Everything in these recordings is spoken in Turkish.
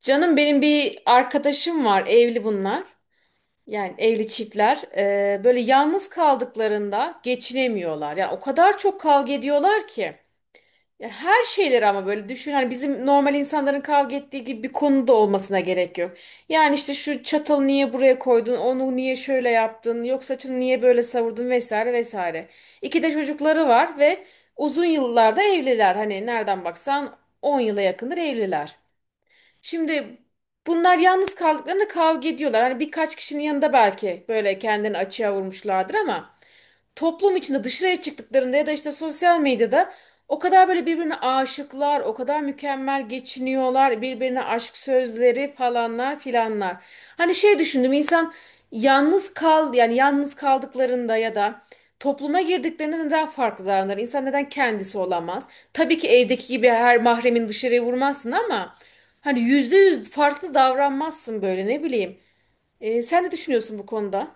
Canım benim bir arkadaşım var, evli bunlar. Yani evli çiftler. Böyle yalnız kaldıklarında geçinemiyorlar. Yani o kadar çok kavga ediyorlar ki. Yani her şeyleri ama böyle düşün. Hani bizim normal insanların kavga ettiği gibi bir konuda olmasına gerek yok. Yani işte şu çatalı niye buraya koydun, onu niye şöyle yaptın, yok saçını niye böyle savurdun vesaire vesaire. İki de çocukları var ve uzun yıllarda evliler. Hani nereden baksan 10 yıla yakındır evliler. Şimdi bunlar yalnız kaldıklarında kavga ediyorlar. Hani birkaç kişinin yanında belki böyle kendini açığa vurmuşlardır ama toplum içinde dışarıya çıktıklarında ya da işte sosyal medyada o kadar böyle birbirine aşıklar, o kadar mükemmel geçiniyorlar, birbirine aşk sözleri falanlar filanlar. Hani şey düşündüm insan yalnız kaldıklarında ya da topluma girdiklerinde neden farklı davranır? İnsan neden kendisi olamaz? Tabii ki evdeki gibi her mahremin dışarıya vurmazsın ama hani yüzde yüz farklı davranmazsın böyle ne bileyim. Sen ne düşünüyorsun bu konuda?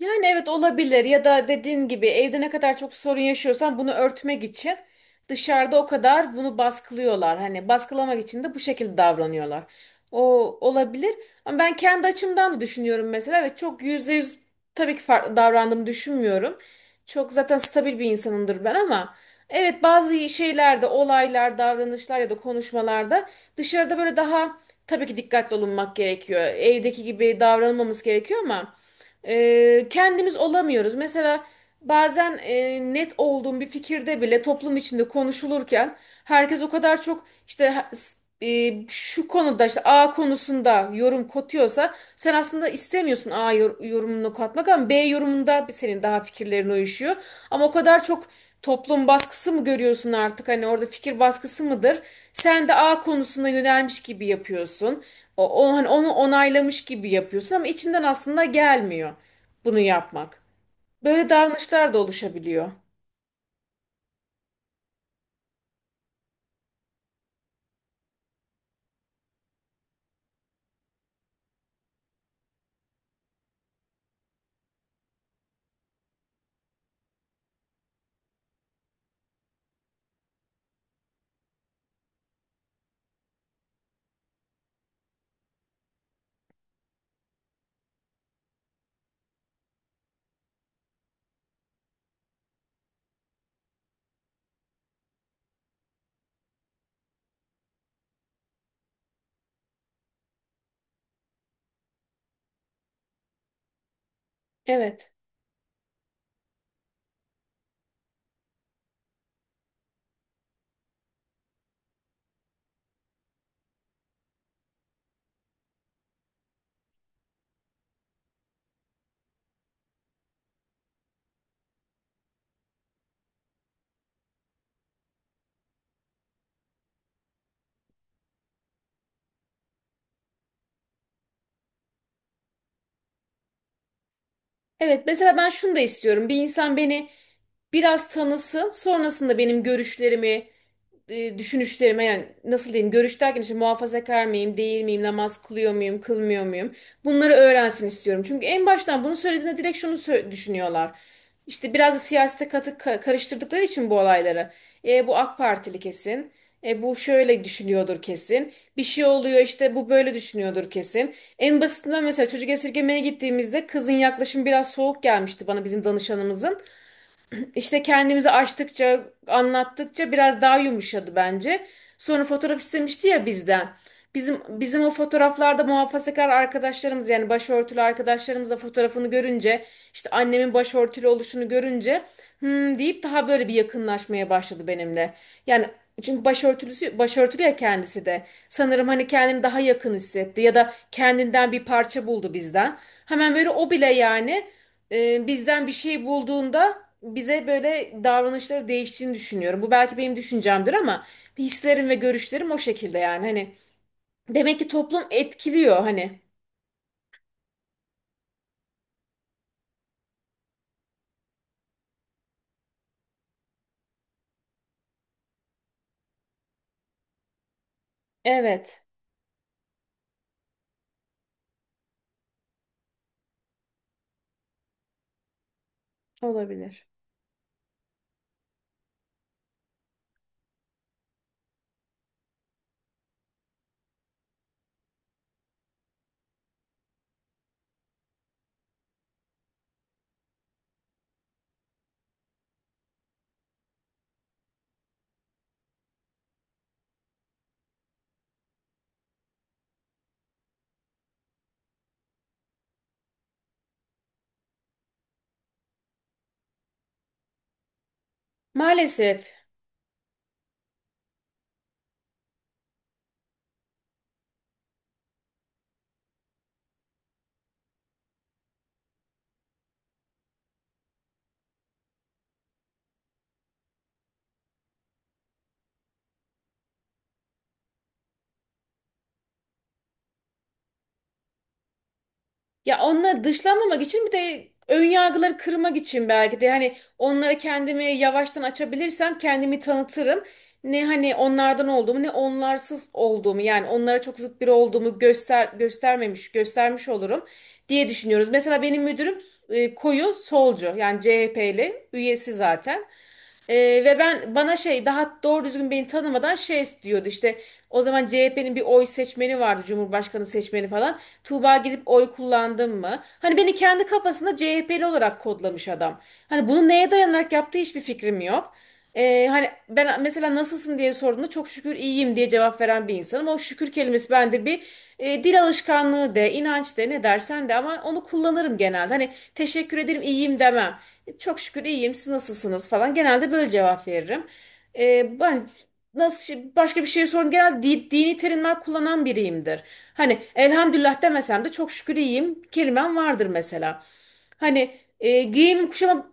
Yani evet olabilir ya da dediğin gibi evde ne kadar çok sorun yaşıyorsan bunu örtmek için dışarıda o kadar bunu baskılıyorlar. Hani baskılamak için de bu şekilde davranıyorlar. O olabilir ama ben kendi açımdan da düşünüyorum mesela ve çok yüzde yüz tabii ki farklı davrandığımı düşünmüyorum. Çok zaten stabil bir insanımdır ben ama evet bazı şeylerde olaylar, davranışlar ya da konuşmalarda dışarıda böyle daha tabii ki dikkatli olunmak gerekiyor. Evdeki gibi davranılmamız gerekiyor ama kendimiz olamıyoruz. Mesela bazen net olduğum bir fikirde bile toplum içinde konuşulurken herkes o kadar çok işte şu konuda işte A konusunda yorum katıyorsa sen aslında istemiyorsun A yorumunu katmak ama B yorumunda senin daha fikirlerin uyuşuyor. Ama o kadar çok toplum baskısı mı görüyorsun artık hani orada fikir baskısı mıdır? Sen de A konusuna yönelmiş gibi yapıyorsun. Hani onu onaylamış gibi yapıyorsun ama içinden aslında gelmiyor bunu yapmak. Böyle davranışlar da oluşabiliyor. Evet. Evet, mesela ben şunu da istiyorum. Bir insan beni biraz tanısın, sonrasında benim görüşlerimi düşünüşlerime yani nasıl diyeyim görüş derken işte muhafazakar mıyım değil miyim namaz kılıyor muyum kılmıyor muyum bunları öğrensin istiyorum. Çünkü en baştan bunu söylediğinde direkt şunu düşünüyorlar. İşte biraz da siyasete karıştırdıkları için bu olayları. E, bu AK Partili kesin. E, bu şöyle düşünüyordur kesin. Bir şey oluyor işte bu böyle düşünüyordur kesin. En basitinden mesela çocuk esirgemeye gittiğimizde kızın yaklaşımı biraz soğuk gelmişti bana bizim danışanımızın. İşte kendimizi açtıkça, anlattıkça biraz daha yumuşadı bence. Sonra fotoğraf istemişti ya bizden. Bizim o fotoğraflarda muhafazakar arkadaşlarımız yani başörtülü arkadaşlarımızla fotoğrafını görünce işte annemin başörtülü oluşunu görünce hmm deyip daha böyle bir yakınlaşmaya başladı benimle. Yani çünkü başörtülüsü başörtülü ya kendisi de. Sanırım hani kendini daha yakın hissetti ya da kendinden bir parça buldu bizden. Hemen böyle o bile yani bizden bir şey bulduğunda bize böyle davranışları değiştiğini düşünüyorum. Bu belki benim düşüncemdir ama hislerim ve görüşlerim o şekilde yani. Hani demek ki toplum etkiliyor hani. Evet, olabilir. Maalesef. Ya onları dışlamamak için bir de ön yargıları kırmak için belki de hani onlara kendimi yavaştan açabilirsem kendimi tanıtırım. Ne hani onlardan olduğumu ne onlarsız olduğumu yani onlara çok zıt biri olduğumu göstermemiş göstermiş olurum diye düşünüyoruz. Mesela benim müdürüm koyu solcu yani CHP'li üyesi zaten. Ve ben bana şey daha doğru düzgün beni tanımadan şey diyordu işte o zaman CHP'nin bir oy seçmeni vardı Cumhurbaşkanı seçmeni falan. Tuğba gidip oy kullandın mı? Hani beni kendi kafasında CHP'li olarak kodlamış adam. Hani bunu neye dayanarak yaptığı hiçbir fikrim yok. Hani ben mesela nasılsın diye sorduğunda çok şükür iyiyim diye cevap veren bir insanım. O şükür kelimesi bende bir dil alışkanlığı de, inanç de, ne dersen de ama onu kullanırım genelde. Hani teşekkür ederim, iyiyim demem. E, çok şükür iyiyim. Siz nasılsınız falan. Genelde böyle cevap veririm. Ben nasıl başka bir şey sorun genel dini terimler kullanan biriyimdir. Hani elhamdülillah demesem de çok şükür iyiyim kelimem vardır mesela. Hani giyimim kuşamam.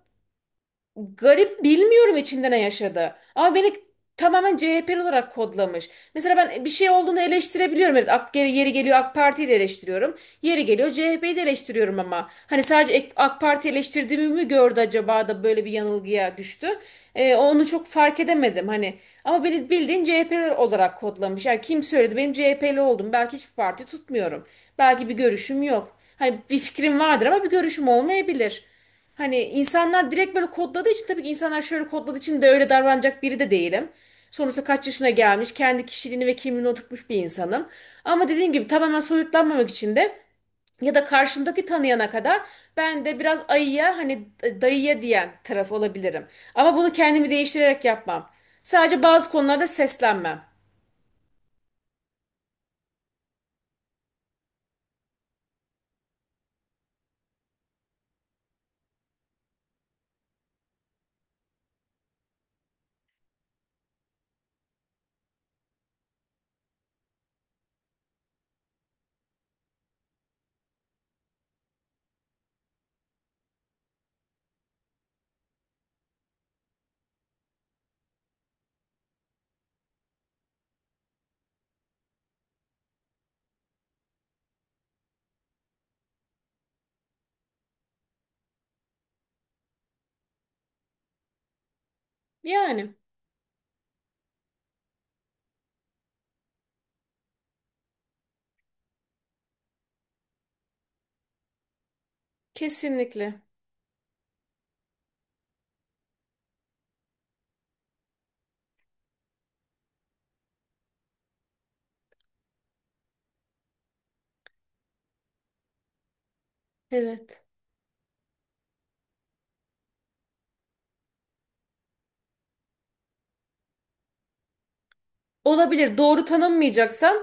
Garip bilmiyorum içinde ne yaşadı. Ama beni tamamen CHP'li olarak kodlamış. Mesela ben bir şey olduğunu eleştirebiliyorum. Evet, AK, yeri geliyor AK Parti'yi de eleştiriyorum. Yeri geliyor CHP'yi de eleştiriyorum ama. Hani sadece AK Parti eleştirdiğimi mi gördü acaba da böyle bir yanılgıya düştü. Onu çok fark edemedim hani. Ama beni bildiğin CHP'li olarak kodlamış. Yani kim söyledi benim CHP'li oldum. Belki hiçbir parti tutmuyorum. Belki bir görüşüm yok. Hani bir fikrim vardır ama bir görüşüm olmayabilir. Hani insanlar direkt böyle kodladığı için tabii ki insanlar şöyle kodladığı için de öyle davranacak biri de değilim. Sonuçta kaç yaşına gelmiş, kendi kişiliğini ve kimliğini oturtmuş bir insanım. Ama dediğim gibi tamamen soyutlanmamak için de ya da karşımdaki tanıyana kadar ben de biraz ayıya hani dayıya diyen taraf olabilirim. Ama bunu kendimi değiştirerek yapmam. Sadece bazı konularda seslenmem. Yani kesinlikle. Evet. Olabilir. Doğru tanınmayacaksam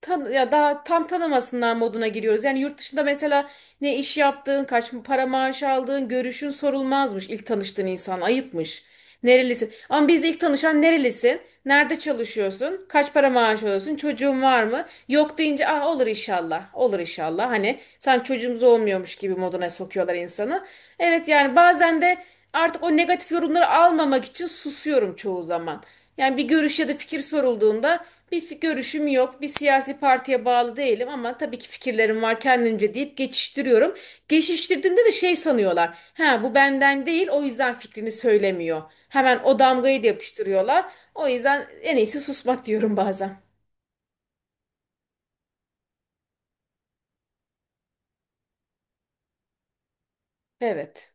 tan ya daha tam tanımasınlar moduna giriyoruz. Yani yurt dışında mesela ne iş yaptığın, kaç para maaş aldığın, görüşün sorulmazmış ilk tanıştığın insan ayıpmış. Nerelisin? Ama bizde ilk tanışan nerelisin? Nerede çalışıyorsun? Kaç para maaş alıyorsun? Çocuğun var mı? Yok deyince ah olur inşallah. Olur inşallah. Hani sen çocuğumuz olmuyormuş gibi moduna sokuyorlar insanı. Evet yani bazen de artık o negatif yorumları almamak için susuyorum çoğu zaman. Yani bir görüş ya da fikir sorulduğunda bir görüşüm yok. Bir siyasi partiye bağlı değilim ama tabii ki fikirlerim var kendimce deyip geçiştiriyorum. Geçiştirdiğinde de şey sanıyorlar. Ha bu benden değil o yüzden fikrini söylemiyor. Hemen o damgayı da yapıştırıyorlar. O yüzden en iyisi susmak diyorum bazen. Evet.